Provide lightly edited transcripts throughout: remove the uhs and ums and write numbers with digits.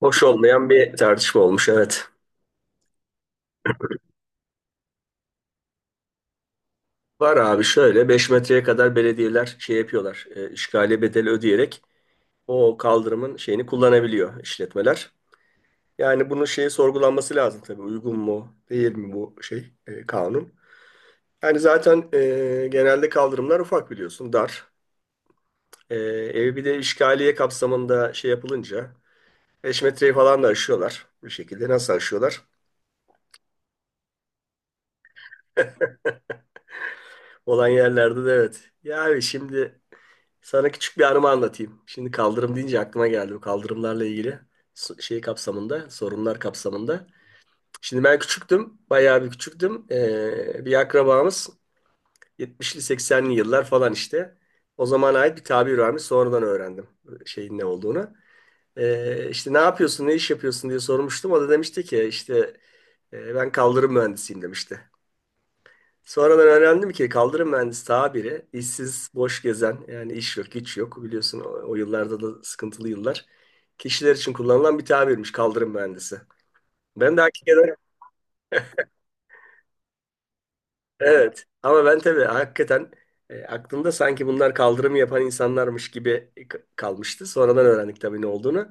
Hoş olmayan bir tartışma olmuş, evet. Var abi, şöyle 5 metreye kadar belediyeler şey yapıyorlar. İşgaliye bedeli ödeyerek o kaldırımın şeyini kullanabiliyor işletmeler. Yani bunun şeyi sorgulanması lazım tabii. Uygun mu değil mi bu şey, kanun? Yani zaten genelde kaldırımlar ufak biliyorsun, dar. E, Ev, bir de işgaliye kapsamında şey yapılınca 5 metreyi falan da aşıyorlar. Bu şekilde nasıl aşıyorlar? Olan yerlerde de, evet. Yani şimdi sana küçük bir anımı anlatayım. Şimdi kaldırım deyince aklıma geldi, bu kaldırımlarla ilgili şey kapsamında, sorunlar kapsamında. Şimdi ben küçüktüm, bayağı bir küçüktüm. Bir akrabamız 70'li 80'li yıllar falan işte. O zamana ait bir tabir varmış. Sonradan öğrendim şeyin ne olduğunu. İşte ne yapıyorsun, ne iş yapıyorsun diye sormuştum. O da demişti ki işte, ben kaldırım mühendisiyim demişti. Sonradan öğrendim ki kaldırım mühendisi tabiri işsiz, boş gezen, yani iş yok, güç yok. Biliyorsun o yıllarda da sıkıntılı yıllar. Kişiler için kullanılan bir tabirmiş kaldırım mühendisi. Ben de hakikaten, evet, ama ben tabii hakikaten aklımda sanki bunlar kaldırımı yapan insanlarmış gibi kalmıştı. Sonradan öğrendik tabii ne olduğunu.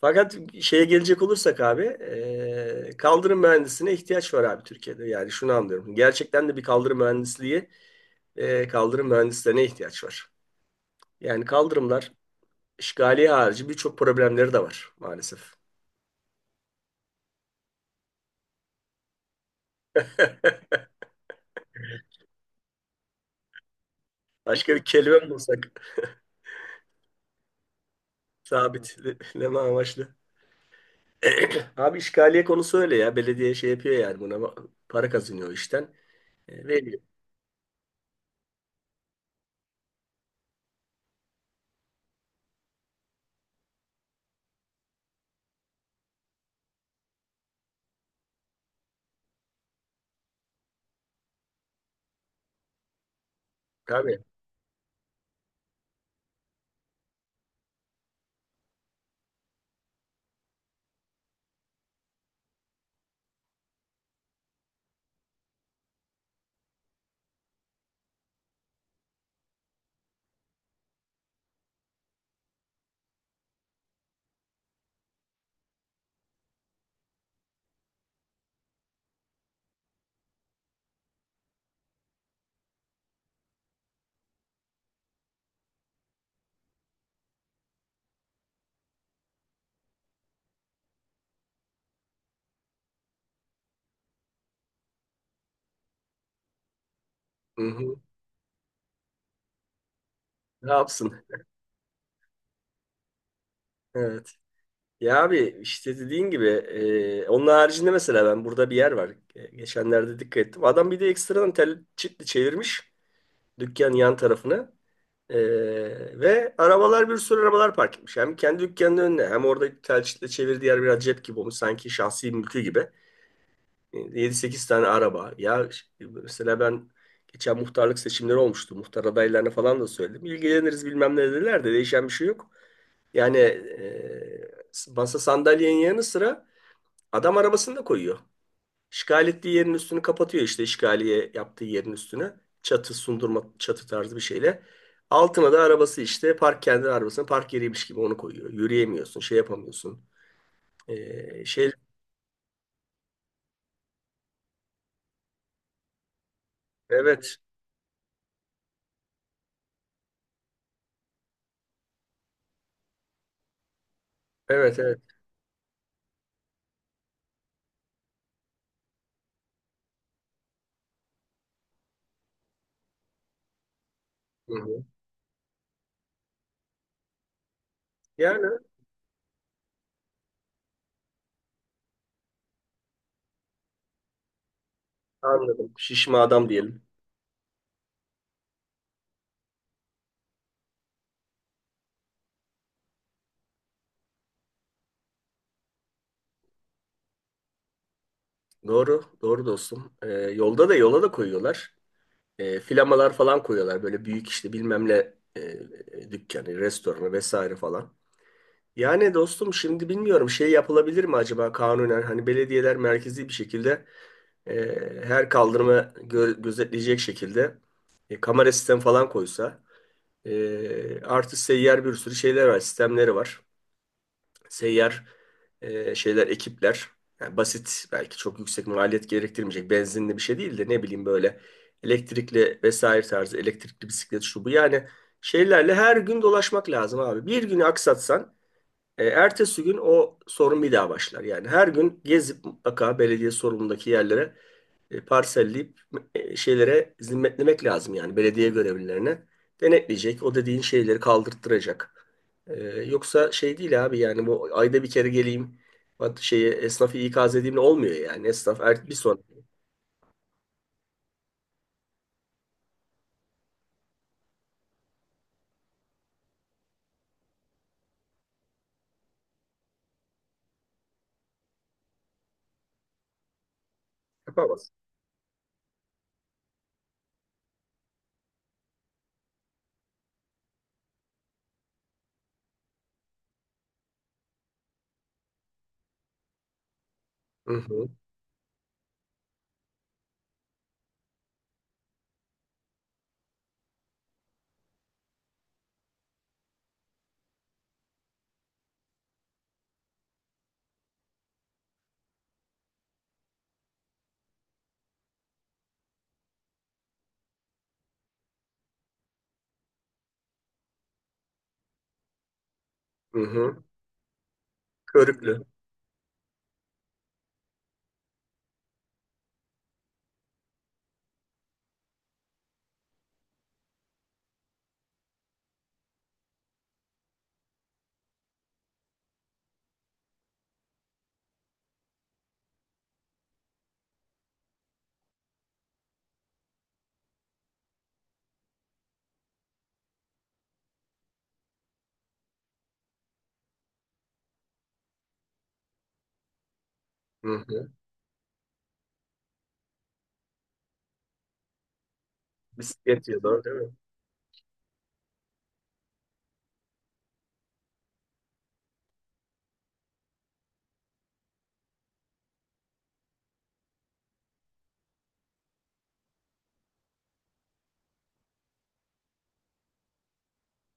Fakat şeye gelecek olursak abi, kaldırım mühendisine ihtiyaç var abi Türkiye'de. Yani şunu anlıyorum. Gerçekten de bir kaldırım mühendisliği, kaldırım mühendislerine ihtiyaç var. Yani kaldırımlar işgaliye harici birçok problemleri de var maalesef. Başka bir kelime mi bulsak sabitleme amaçlı. Abi işgaliye konusu öyle ya. Belediye şey yapıyor, yani buna para kazanıyor o işten. E, veriyor. Tabii. Hı-hı. Ne yapsın? Evet. Ya abi işte dediğin gibi, onun haricinde mesela ben burada bir yer var. E, geçenlerde dikkat ettim. Adam bir de ekstradan tel çitli çevirmiş. Dükkan yan tarafına. Ee, Ve arabalar, bir sürü arabalar park etmiş. Hem kendi dükkanının önüne hem orada telçitle çevirdiği yer biraz cep gibi olmuş. Sanki şahsi mülkü gibi. 7-8 tane araba. Ya mesela ben geçen muhtarlık seçimleri olmuştu. Muhtar adaylarına falan da söyledim. İlgileniriz bilmem ne dediler de değişen bir şey yok. Yani masa sandalyenin yanı sıra adam arabasını da koyuyor. İşgal ettiği yerin üstünü kapatıyor, işte işgaliye yaptığı yerin üstüne. Çatı sundurma, çatı tarzı bir şeyle. Altına da arabası, işte park, kendi arabasına park yeriymiş gibi onu koyuyor. Yürüyemiyorsun, şey yapamıyorsun. Şey, evet. Evet, evet. Hı hı. Yani anladım. Şişme adam diyelim. Doğru, doğru dostum. Yolda da, yola da koyuyorlar. Flamalar falan koyuyorlar. Böyle büyük işte bilmem ne, e, dükkanı, restoranı vesaire falan. Yani dostum şimdi bilmiyorum, şey yapılabilir mi acaba kanunen, hani belediyeler merkezi bir şekilde her kaldırımı gözetleyecek şekilde kamera sistem falan koysa, artı seyyar bir sürü şeyler var, sistemleri var, seyyar şeyler, ekipler. Yani basit, belki çok yüksek maliyet gerektirmeyecek, benzinli bir şey değil de, ne bileyim, böyle elektrikli vesaire tarzı, elektrikli bisiklet şu bu, yani şeylerle her gün dolaşmak lazım abi. Bir günü aksatsan ertesi gün o sorun bir daha başlar. Yani her gün gezip mutlaka belediye sorumlundaki yerlere parselleyip şeylere zimmetlemek lazım yani belediye görevlilerine. Denetleyecek, o dediğin şeyleri kaldırttıracak. E, yoksa şey değil abi, yani bu ayda bir kere geleyim, bak şeyi esnafı ikaz edeyimle olmuyor yani. Esnaf bir sonra yapamaz. Hı hı, hı hı. Körüklü. Hı hı. Bisiklet ya da değil mi?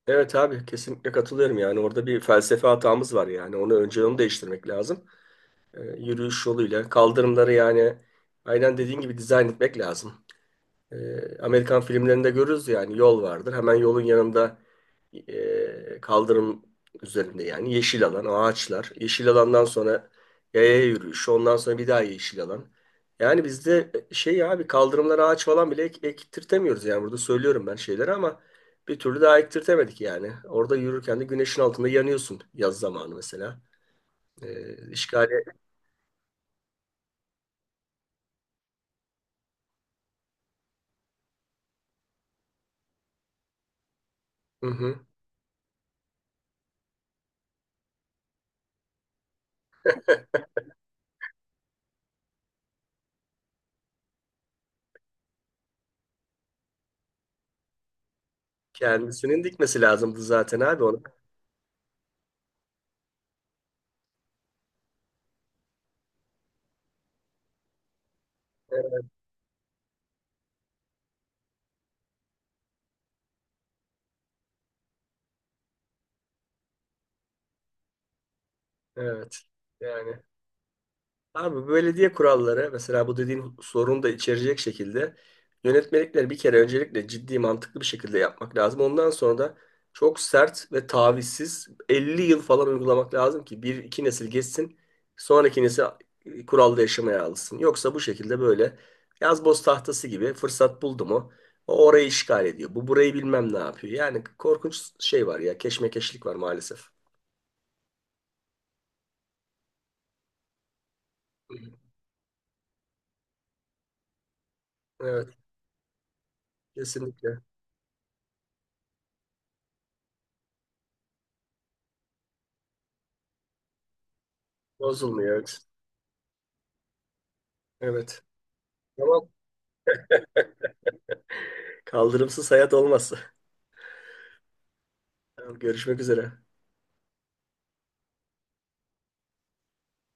Evet abi, kesinlikle katılıyorum. Yani orada bir felsefe hatamız var, yani onu değiştirmek lazım. Yürüyüş yoluyla kaldırımları, yani aynen dediğin gibi dizayn etmek lazım. E, Amerikan filmlerinde görürüz yani, yol vardır. Hemen yolun yanında kaldırım üzerinde yani yeşil alan, ağaçlar. Yeşil alandan sonra yaya yürüyüşü, ondan sonra bir daha yeşil alan. Yani bizde şey abi, kaldırımlara ağaç falan bile ektirtemiyoruz yani. Burada söylüyorum ben şeyleri ama bir türlü daha ektirtemedik yani. Orada yürürken de güneşin altında yanıyorsun yaz zamanı mesela. E, işgali, hı hı. Kendisinin dikmesi lazımdı zaten abi onu. Evet. Evet. Yani abi belediye kuralları mesela, bu dediğin sorunu da içerecek şekilde yönetmelikleri bir kere öncelikle ciddi, mantıklı bir şekilde yapmak lazım. Ondan sonra da çok sert ve tavizsiz 50 yıl falan uygulamak lazım ki bir iki nesil geçsin, sonraki nesil kuralda yaşamaya alışsın. Yoksa bu şekilde böyle yazboz tahtası gibi, fırsat buldu mu o orayı işgal ediyor. Bu burayı bilmem ne yapıyor. Yani korkunç şey var ya, keşmekeşlik var maalesef. Evet, kesinlikle bozulmuyor, evet. Evet. Tamam. Kaldırımsız hayat olmaz. Tamam, görüşmek üzere.